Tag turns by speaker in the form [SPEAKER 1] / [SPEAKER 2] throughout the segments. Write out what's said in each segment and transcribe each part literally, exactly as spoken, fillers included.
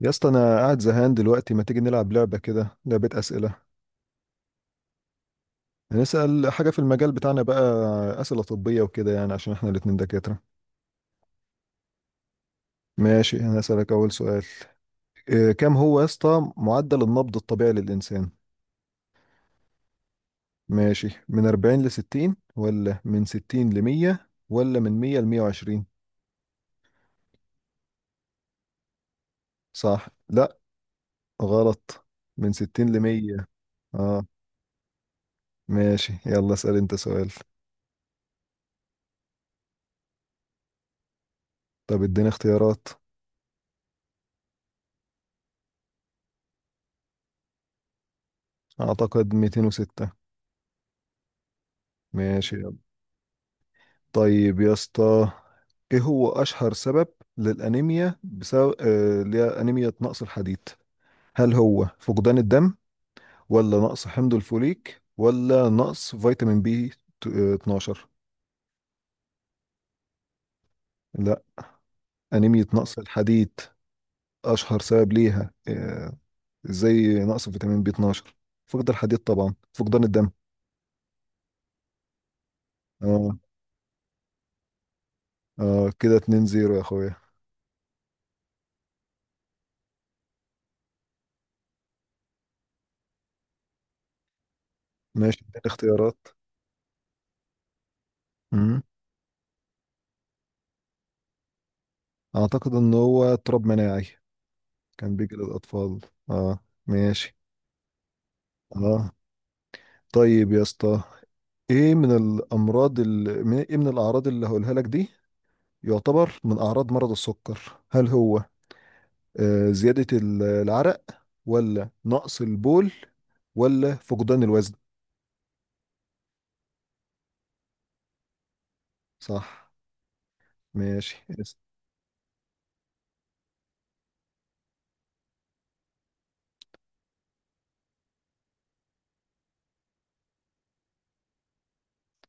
[SPEAKER 1] يا اسطى، انا قاعد زهقان دلوقتي. ما تيجي نلعب لعبة كده، لعبة أسئلة؟ هنسأل حاجة في المجال بتاعنا بقى، أسئلة طبية وكده يعني، عشان احنا الاتنين دكاترة. ماشي، انا هسألك أول سؤال. إيه كام هو يا اسطى معدل النبض الطبيعي للإنسان؟ ماشي، من أربعين ل ستين، ولا من ستين ل مية، ولا من مية ل مية وعشرين؟ صح؟ لا، غلط. من ستين ل مية. اه، ماشي، يلا اسأل انت سؤال. طب اديني اختيارات. اعتقد ميتين وستة. ماشي. طيب يا اسطى، ايه هو اشهر سبب للانيميا، بسبب آه، اللي هي انيميا نقص الحديد؟ هل هو فقدان الدم، ولا نقص حمض الفوليك، ولا نقص فيتامين بي اتناشر؟ لا، انيميا نقص الحديد، اشهر سبب ليها، آه، زي نقص فيتامين بي اثنا عشر، فقد الحديد، طبعا فقدان الدم. اه. اه، كده اتنين صفر يا اخويا. ماشي، اديني اختيارات. مم. اعتقد ان هو اضطراب مناعي، كان بيجي للأطفال. اه، ماشي. اه، طيب يا اسطى، ايه من الأمراض ال... من- ايه من الأعراض اللي هقولها لك دي يعتبر من أعراض مرض السكر؟ هل هو آه زيادة ال- العرق، ولا نقص البول، ولا فقدان الوزن؟ صح، ماشي، اسأل.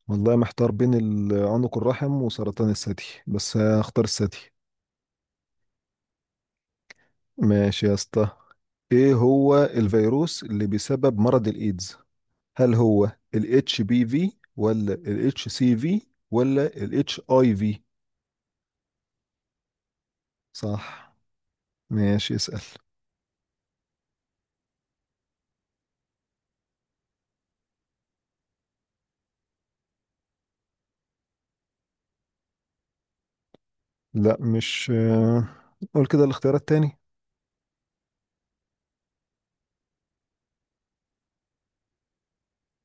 [SPEAKER 1] والله محتار بين ال- عنق الرحم وسرطان الثدي، بس هختار الثدي. ماشي يا اسطى، ايه هو الفيروس اللي بيسبب مرض الايدز؟ هل هو ال إتش بي في، ولا ال إتش سي في، ولا ال إتش آي في؟ صح، ماشي، اسأل. لا، مش آه، قول كده الاختيار التاني.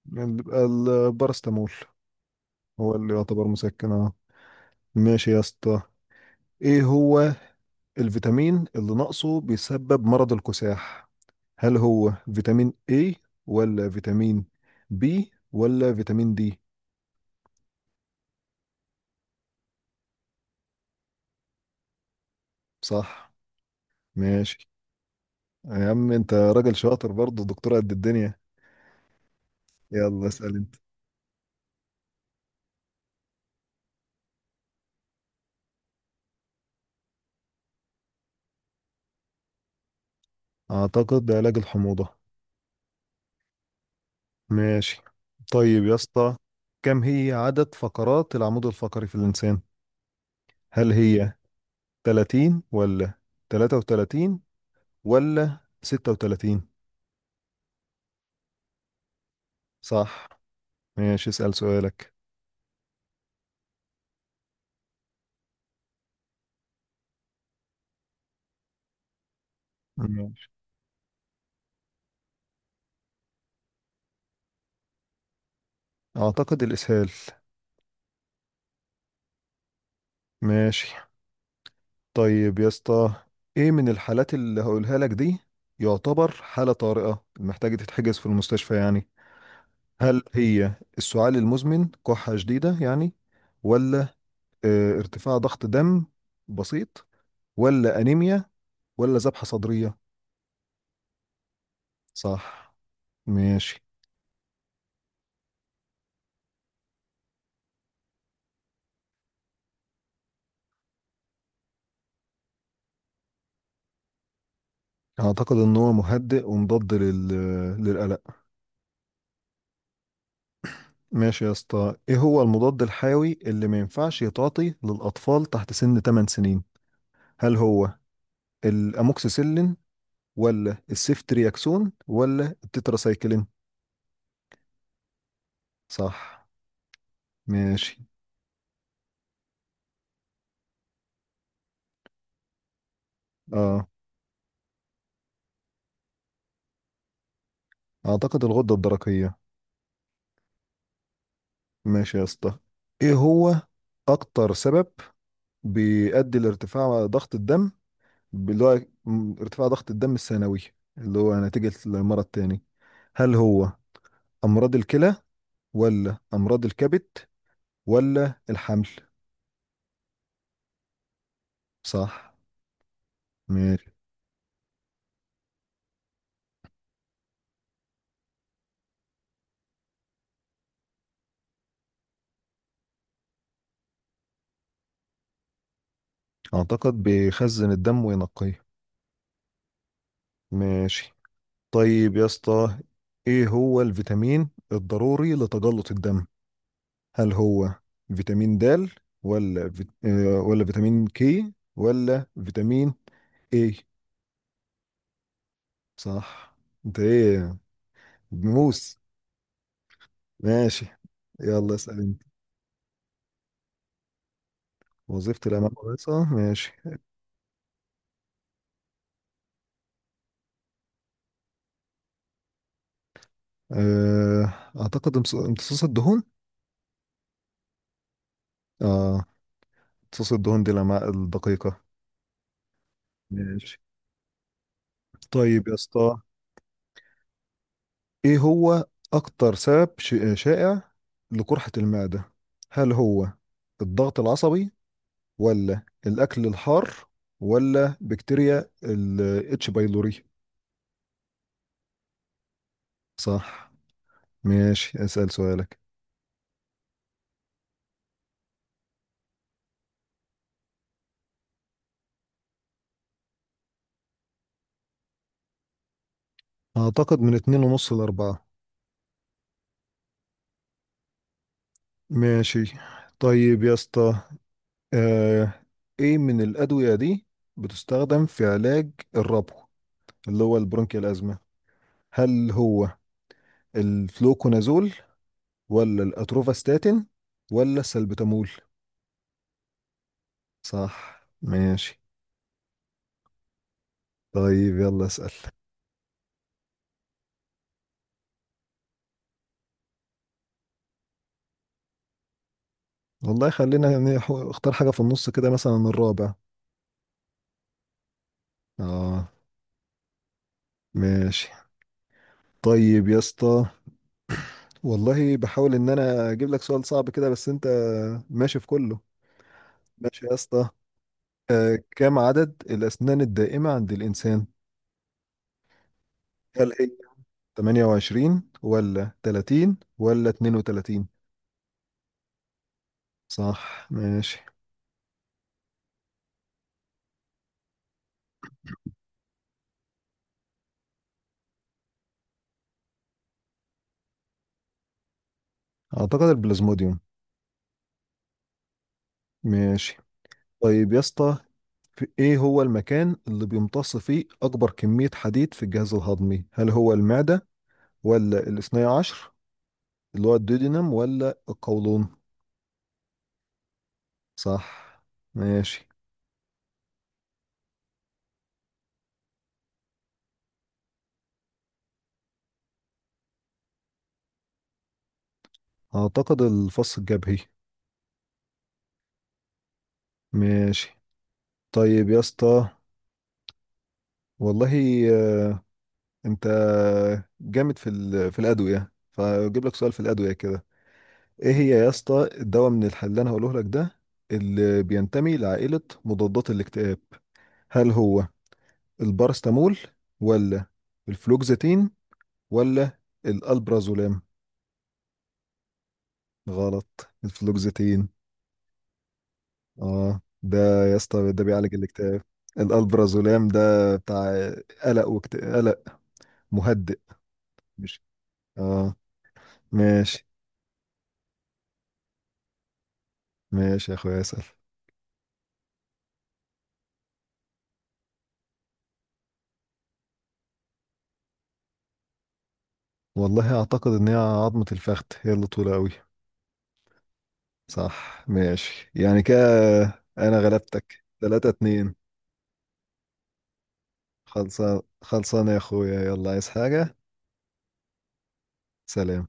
[SPEAKER 1] بيبقى البارستامول، هو اللي يعتبر مسكن. اه، ماشي يا اسطى، ايه هو الفيتامين اللي ناقصه بيسبب مرض الكساح؟ هل هو فيتامين A، ولا فيتامين B، ولا فيتامين D؟ صح، ماشي. يا عم انت راجل شاطر برضه، دكتور قد الدنيا. يلا اسأل انت. اعتقد علاج الحموضة. ماشي. طيب يا اسطى، كم هي عدد فقرات العمود الفقري في الانسان؟ هل هي تلاتين، ولا تلاتة وتلاتين، ولا ستة وتلاتين؟ صح، ماشي، اسأل سؤالك. ماشي، اعتقد الاسهال. ماشي. طيب يا اسطى، ايه من الحالات اللي هقولها لك دي يعتبر حالة طارئة محتاجة تتحجز في المستشفى يعني؟ هل هي السعال المزمن، كحة شديدة يعني، ولا آه، ارتفاع ضغط دم بسيط، ولا أنيميا، ولا ذبحة صدرية؟ صح، ماشي. أعتقد إن هو مهدئ ومضاد لل... للقلق. ماشي يا اسطى، إيه هو المضاد الحيوي اللي ما ينفعش يتعاطي للأطفال تحت سن ثمان سنين؟ هل هو الأموكسيسيلين، ولا السيفترياكسون، ولا التتراسايكلين؟ صح، ماشي. اه، أعتقد الغدة الدرقية. ماشي يا اسطى، إيه هو أكتر سبب بيؤدي لارتفاع ضغط الدم، اللي هو ارتفاع ضغط الدم الثانوي، اللي هو نتيجة المرض تاني؟ هل هو أمراض الكلى، ولا أمراض الكبد، ولا الحمل؟ صح، ماشي. أعتقد بيخزن الدم وينقيه. ماشي. طيب يا اسطى، إيه هو الفيتامين الضروري لتجلط الدم؟ هل هو فيتامين د، ولا فيت... آه، ولا فيتامين كي، ولا فيتامين اي؟ صح. انت ايه، بنوس؟ ماشي، يلا اسأل انت. وظيفة الأمعاء الرئيسة، ماشي. أه... أعتقد امتص- امتصاص الدهون. اه، امتصاص الدهون دي الأمعاء الدقيقة. ماشي. طيب يا اسطى، ايه هو أكتر سبب ش... شائع لقرحة المعدة؟ هل هو الضغط العصبي، ولا الأكل الحار، ولا بكتيريا ال اتش بايلوري؟ صح، ماشي، اسأل سؤالك. أعتقد من اتنين ونص لأربعة. ماشي. طيب يا اسطى، آه، ايه من الأدوية دي بتستخدم في علاج الربو، اللي هو البرونكيال أزمة؟ هل هو الفلوكونازول، ولا الأتروفاستاتين، ولا السلبتامول؟ صح، ماشي. طيب يلا اسأل. والله خلينا يعني، ح- اختار حاجة في النص كده، مثلا الرابع. اه، ماشي. طيب يا اسطى، والله بحاول ان انا اجيب لك سؤال صعب كده، بس انت ماشي في كله. ماشي يا اسطى، كم عدد الأسنان الدائمة عند الإنسان؟ هل هي ثمانية وعشرين، ولا تلاتين، ولا اتنين وتلاتين؟ صح، ماشي. أعتقد البلازموديوم. ماشي. طيب يا اسطى، في إيه هو المكان اللي بيمتص فيه أكبر كمية حديد في الجهاز الهضمي؟ هل هو المعدة، ولا الاثني عشر اللي هو الديودينم، ولا القولون؟ صح، ماشي. أعتقد الفص الجبهي. ماشي. طيب يا اسطى، والله انت جامد في ال- في الادويه، فاجيب لك سؤال في الادويه كده. ايه هي يا اسطى الدواء من الحل اللي انا هقوله لك ده، اللي بينتمي لعائله مضادات الاكتئاب؟ هل هو البارستامول، ولا الفلوكزيتين، ولا الالبرازولام؟ غلط، الفلوكزيتين. اه ده يا اسطى ده بيعالج الاكتئاب. الالبرازولام ده بتاع قلق وقلق، مهدئ. مش، اه، ماشي. ماشي يا اخويا، اسال. والله اعتقد ان هي عظمة الفخذ، هي اللي طولة قوي. صح، ماشي. يعني كده انا غلبتك تلاتة اتنين. خلصان خلصان يا اخويا. يلا، عايز حاجة؟ سلام.